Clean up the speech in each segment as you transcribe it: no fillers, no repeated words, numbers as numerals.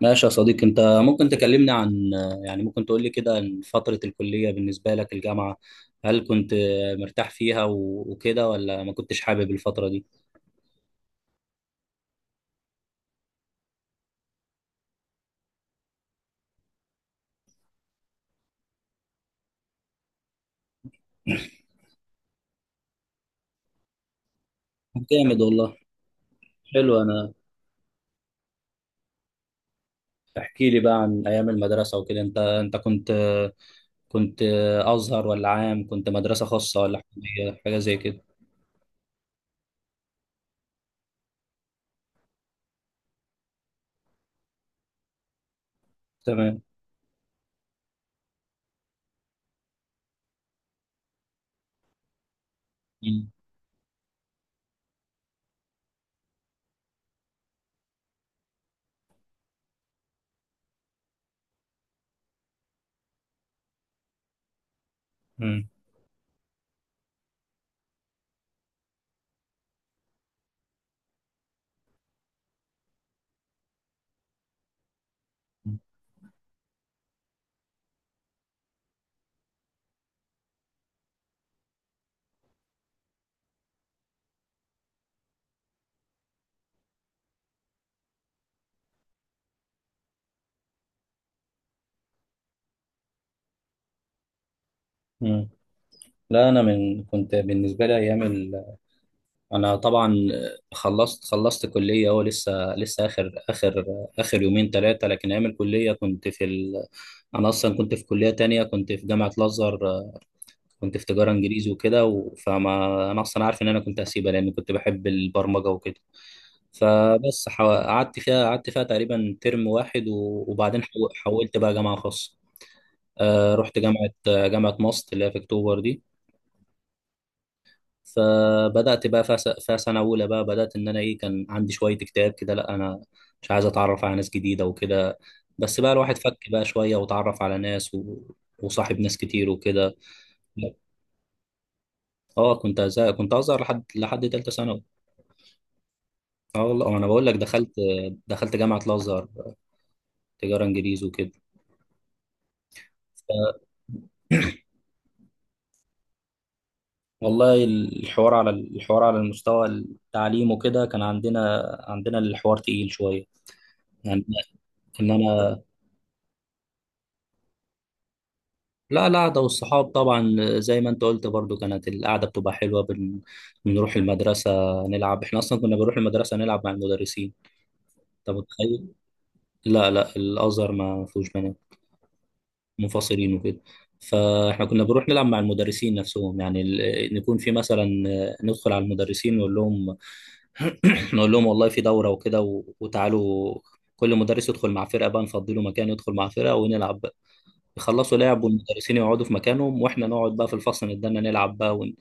ماشي يا صديقي، انت ممكن تكلمني عن، ممكن تقول لي كده عن فترة الكلية، بالنسبة لك الجامعة، هل كنت مرتاح فيها و- وكده، ولا ما كنتش حابب الفترة دي؟ طب جامد والله. حلو. احكي لي بقى عن ايام المدرسة وكده. انت كنت ازهر ولا عام؟ كنت مدرسة خاصة ولا حكومية، حاجة زي كده؟ تمام. مم. مم. مم. لا، انا من كنت بالنسبة لي ايام، انا طبعا خلصت كليه، هو لسه اخر يومين ثلاثه، لكن ايام الكليه انا اصلا كنت في كليه تانية، كنت في جامعه الازهر. كنت في تجاره انجليزي وكده فما انا اصلا عارف ان انا كنت هسيبها لان كنت بحب البرمجه وكده. فبس قعدت فيها تقريبا ترم واحد و... وبعدين حولت بقى جامعه خاصه. رحت جامعه ماست اللي هي في اكتوبر دي. فبدات بقى في سنه اولى بقى بدات ان انا كان عندي شويه اكتئاب كده. لا، انا مش عايز اتعرف على ناس جديده وكده. بس بقى الواحد فك بقى شويه، وتعرف على ناس و... وصاحب ناس كتير وكده. اه كنت أزهق. كنت ازهر لحد ثالثه ثانوي. اه والله انا بقول لك دخلت جامعه الازهر، تجاره انجليزي وكده. والله الحوار، على المستوى التعليم وكده، كان عندنا الحوار تقيل شويه. يعني ان انا، لا، القعدة والصحاب طبعا زي ما انت قلت برضو، كانت القعدة بتبقى حلوة. بنروح المدرسة نلعب، احنا اصلا كنا بنروح المدرسة نلعب مع المدرسين. طب متخيل، لا لا، الازهر ما فيهوش بنات، منفصلين وكده. فاحنا كنا بنروح نلعب مع المدرسين نفسهم، يعني نكون في مثلا، ندخل على المدرسين نقول لهم نقول لهم والله في دورة وكده و... وتعالوا. كل مدرس يدخل مع فرقة بقى، نفضي له مكان يدخل مع فرقة ونلعب. يخلصوا لعب والمدرسين يقعدوا في مكانهم، واحنا نقعد بقى في الفصل نتدنى نلعب بقى ون-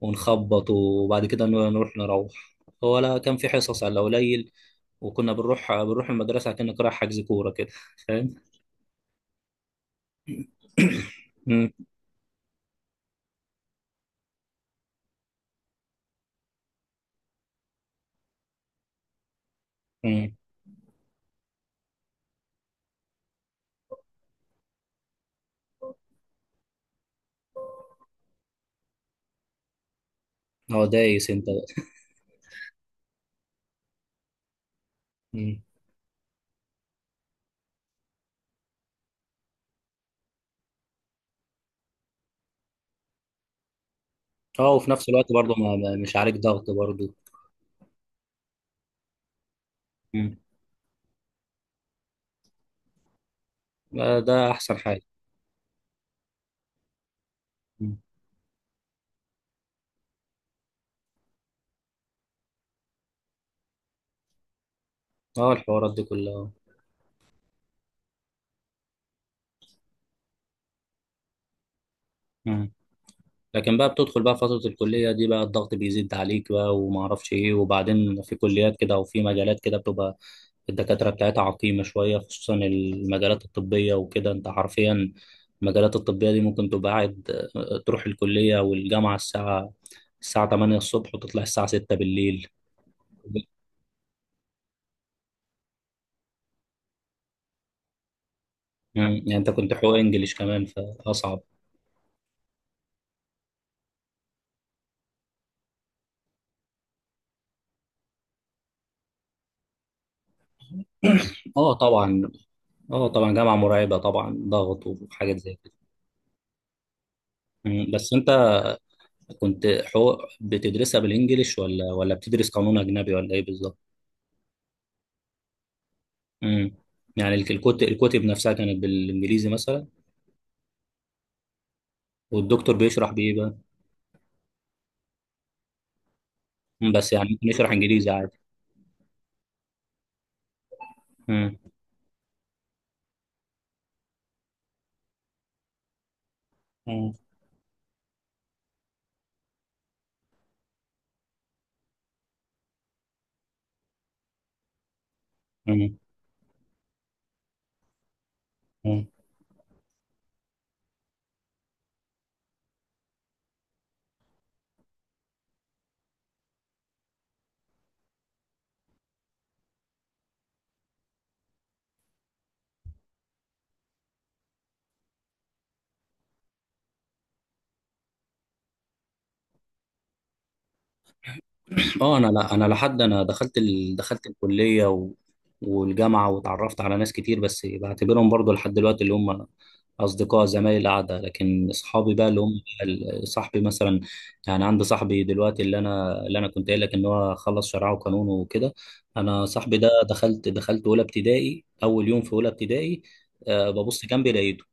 ونخبط وبعد كده نروح. هو لا، كان في حصص على قليل، وكنا بنروح المدرسة كأنك رايح حجز كورة كده، فاهم؟ مم. مم. هو دايس انت بقى. مم. اه، وفي نفس الوقت برضه مش عليك ضغط برضه. مم. آه، ده احسن حاجة. مم. اه، الحوارات دي كلها. مم. لكن بقى بتدخل بقى فترة الكلية دي بقى، الضغط بيزيد عليك بقى، وما اعرفش ايه، وبعدين في كليات كده وفي مجالات كده بتبقى الدكاترة بتاعتها عقيمة شوية، خصوصا المجالات الطبية وكده، انت حرفيا المجالات الطبية دي ممكن تبقى قاعد تروح الكلية والجامعة الساعة 8 الصبح وتطلع الساعة 6 بالليل. مم. يعني انت كنت حقوق انجليش كمان، فاصعب. اه طبعا اه طبعا جامعة مرعبة طبعا، ضغط وحاجات زي كده. مم. بس انت كنت حقوق بتدرسها بالانجلش، ولا بتدرس قانون اجنبي، ولا ايه بالظبط؟ امم. يعني الكتب نفسها كانت بالانجليزي مثلا؟ والدكتور بيشرح بايه بقى؟ مم، بس يعني ممكن يشرح انجليزي عادي. امم. امم اه، انا، لا انا لحد انا دخلت الكليه و... والجامعه، وتعرفت على ناس كتير، بس بعتبرهم برضو لحد دلوقتي اللي هم اصدقاء زمايل القعده، لكن اصحابي بقى اللي هم صاحبي مثلا. يعني عندي صاحبي دلوقتي، اللي انا كنت قايل لك ان هو خلص شرعه وقانون وكده. انا صاحبي ده دخلت اولى ابتدائي، اول يوم في اولى ابتدائي، ببص جنبي لقيته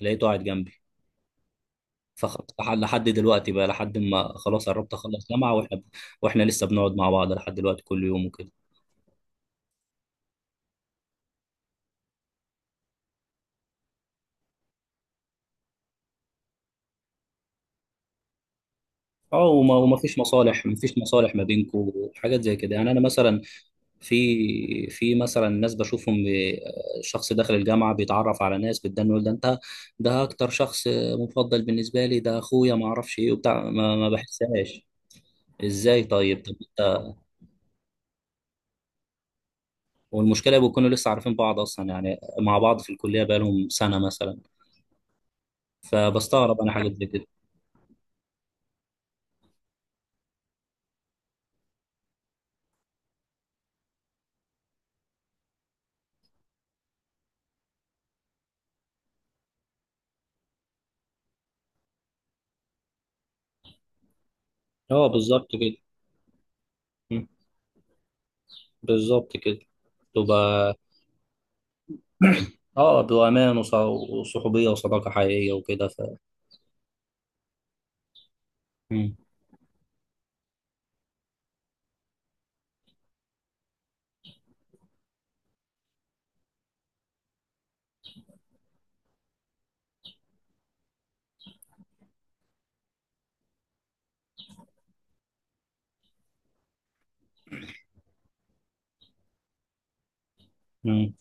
لقيته قاعد جنبي. لحد دلوقتي بقى، لحد ما خلاص قربت اخلص جامعه، واحنا لسه بنقعد مع بعض لحد دلوقتي كل يوم وكده. اه، وما فيش مصالح، ما فيش مصالح ما بينكم، حاجات زي كده، يعني انا مثلا في في مثلا ناس بشوفهم شخص داخل الجامعه بيتعرف على ناس بتدان، يقول ده انت ده اكتر شخص مفضل بالنسبه لي، ده اخويا، ما اعرفش ايه وبتاع، ما بحسهاش. ازاي طيب، طب انت والمشكله بيكونوا لسه عارفين بعض اصلا، يعني مع بعض في الكليه بقالهم سنه مثلا، فبستغرب انا حاجات زي كده. اه بالظبط كده. مم. بالظبط كده. تبقى اه بأمان وص- وصحوبية وصداقة حقيقية وكده ف. مم. مم.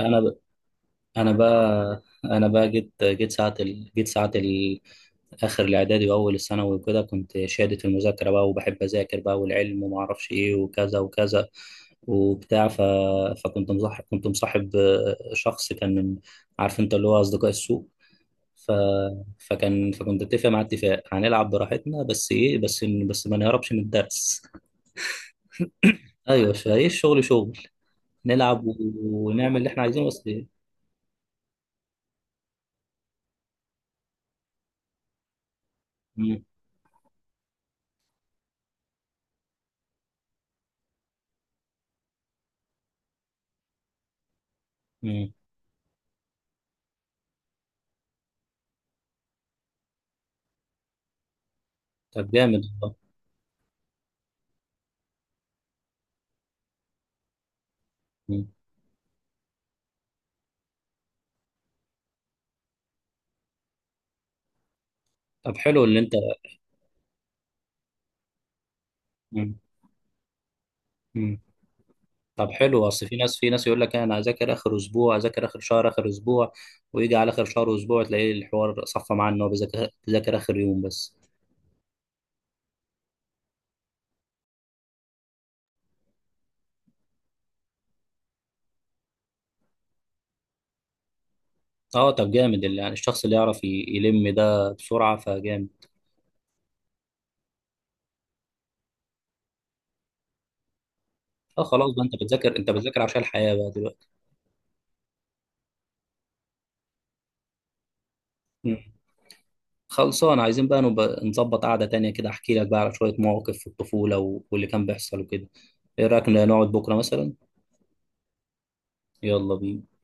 انا ب... انا بقى جيت ساعة اخر الاعدادي واول الثانوي وكده، كنت شادد في المذاكرة بقى، وبحب اذاكر بقى، والعلم وما اعرفش ايه، وكذا وكذا وبتاع فكنت مصاحب شخص كان من، عارف انت، اللي هو اصدقاء السوء. ف... فكان فكنت اتفق مع اتفاق هنلعب براحتنا، بس ايه بس إن- بس ما نهربش من الدرس. ايوه، فايه الشغل شغل نلعب و- ونعمل اللي احنا عايزينه، بس ايه. مم. مم. طب جامد والله. مم. طب حلو، اللي انت. مم. مم. طب حلو، اصل في ناس يقول لك انا اذاكر اخر اسبوع، اذاكر اخر شهر، اخر اسبوع، ويجي على اخر شهر واسبوع تلاقيه الحوار صفى معاه، ان هو بيذاكر اخر يوم بس. اه طب جامد، اللي يعني الشخص اللي يعرف يلم ده بسرعه فجامد. اه خلاص بقى، انت بتذاكر عشان الحياة بقى دلوقتي. مم. خلصان، عايزين بقى نبقى نظبط قعدة تانية كده، احكي لك بقى على شوية مواقف في الطفولة و- واللي كان بيحصل وكده. ايه رأيك نقعد بكرة مثلا؟ يلا بينا.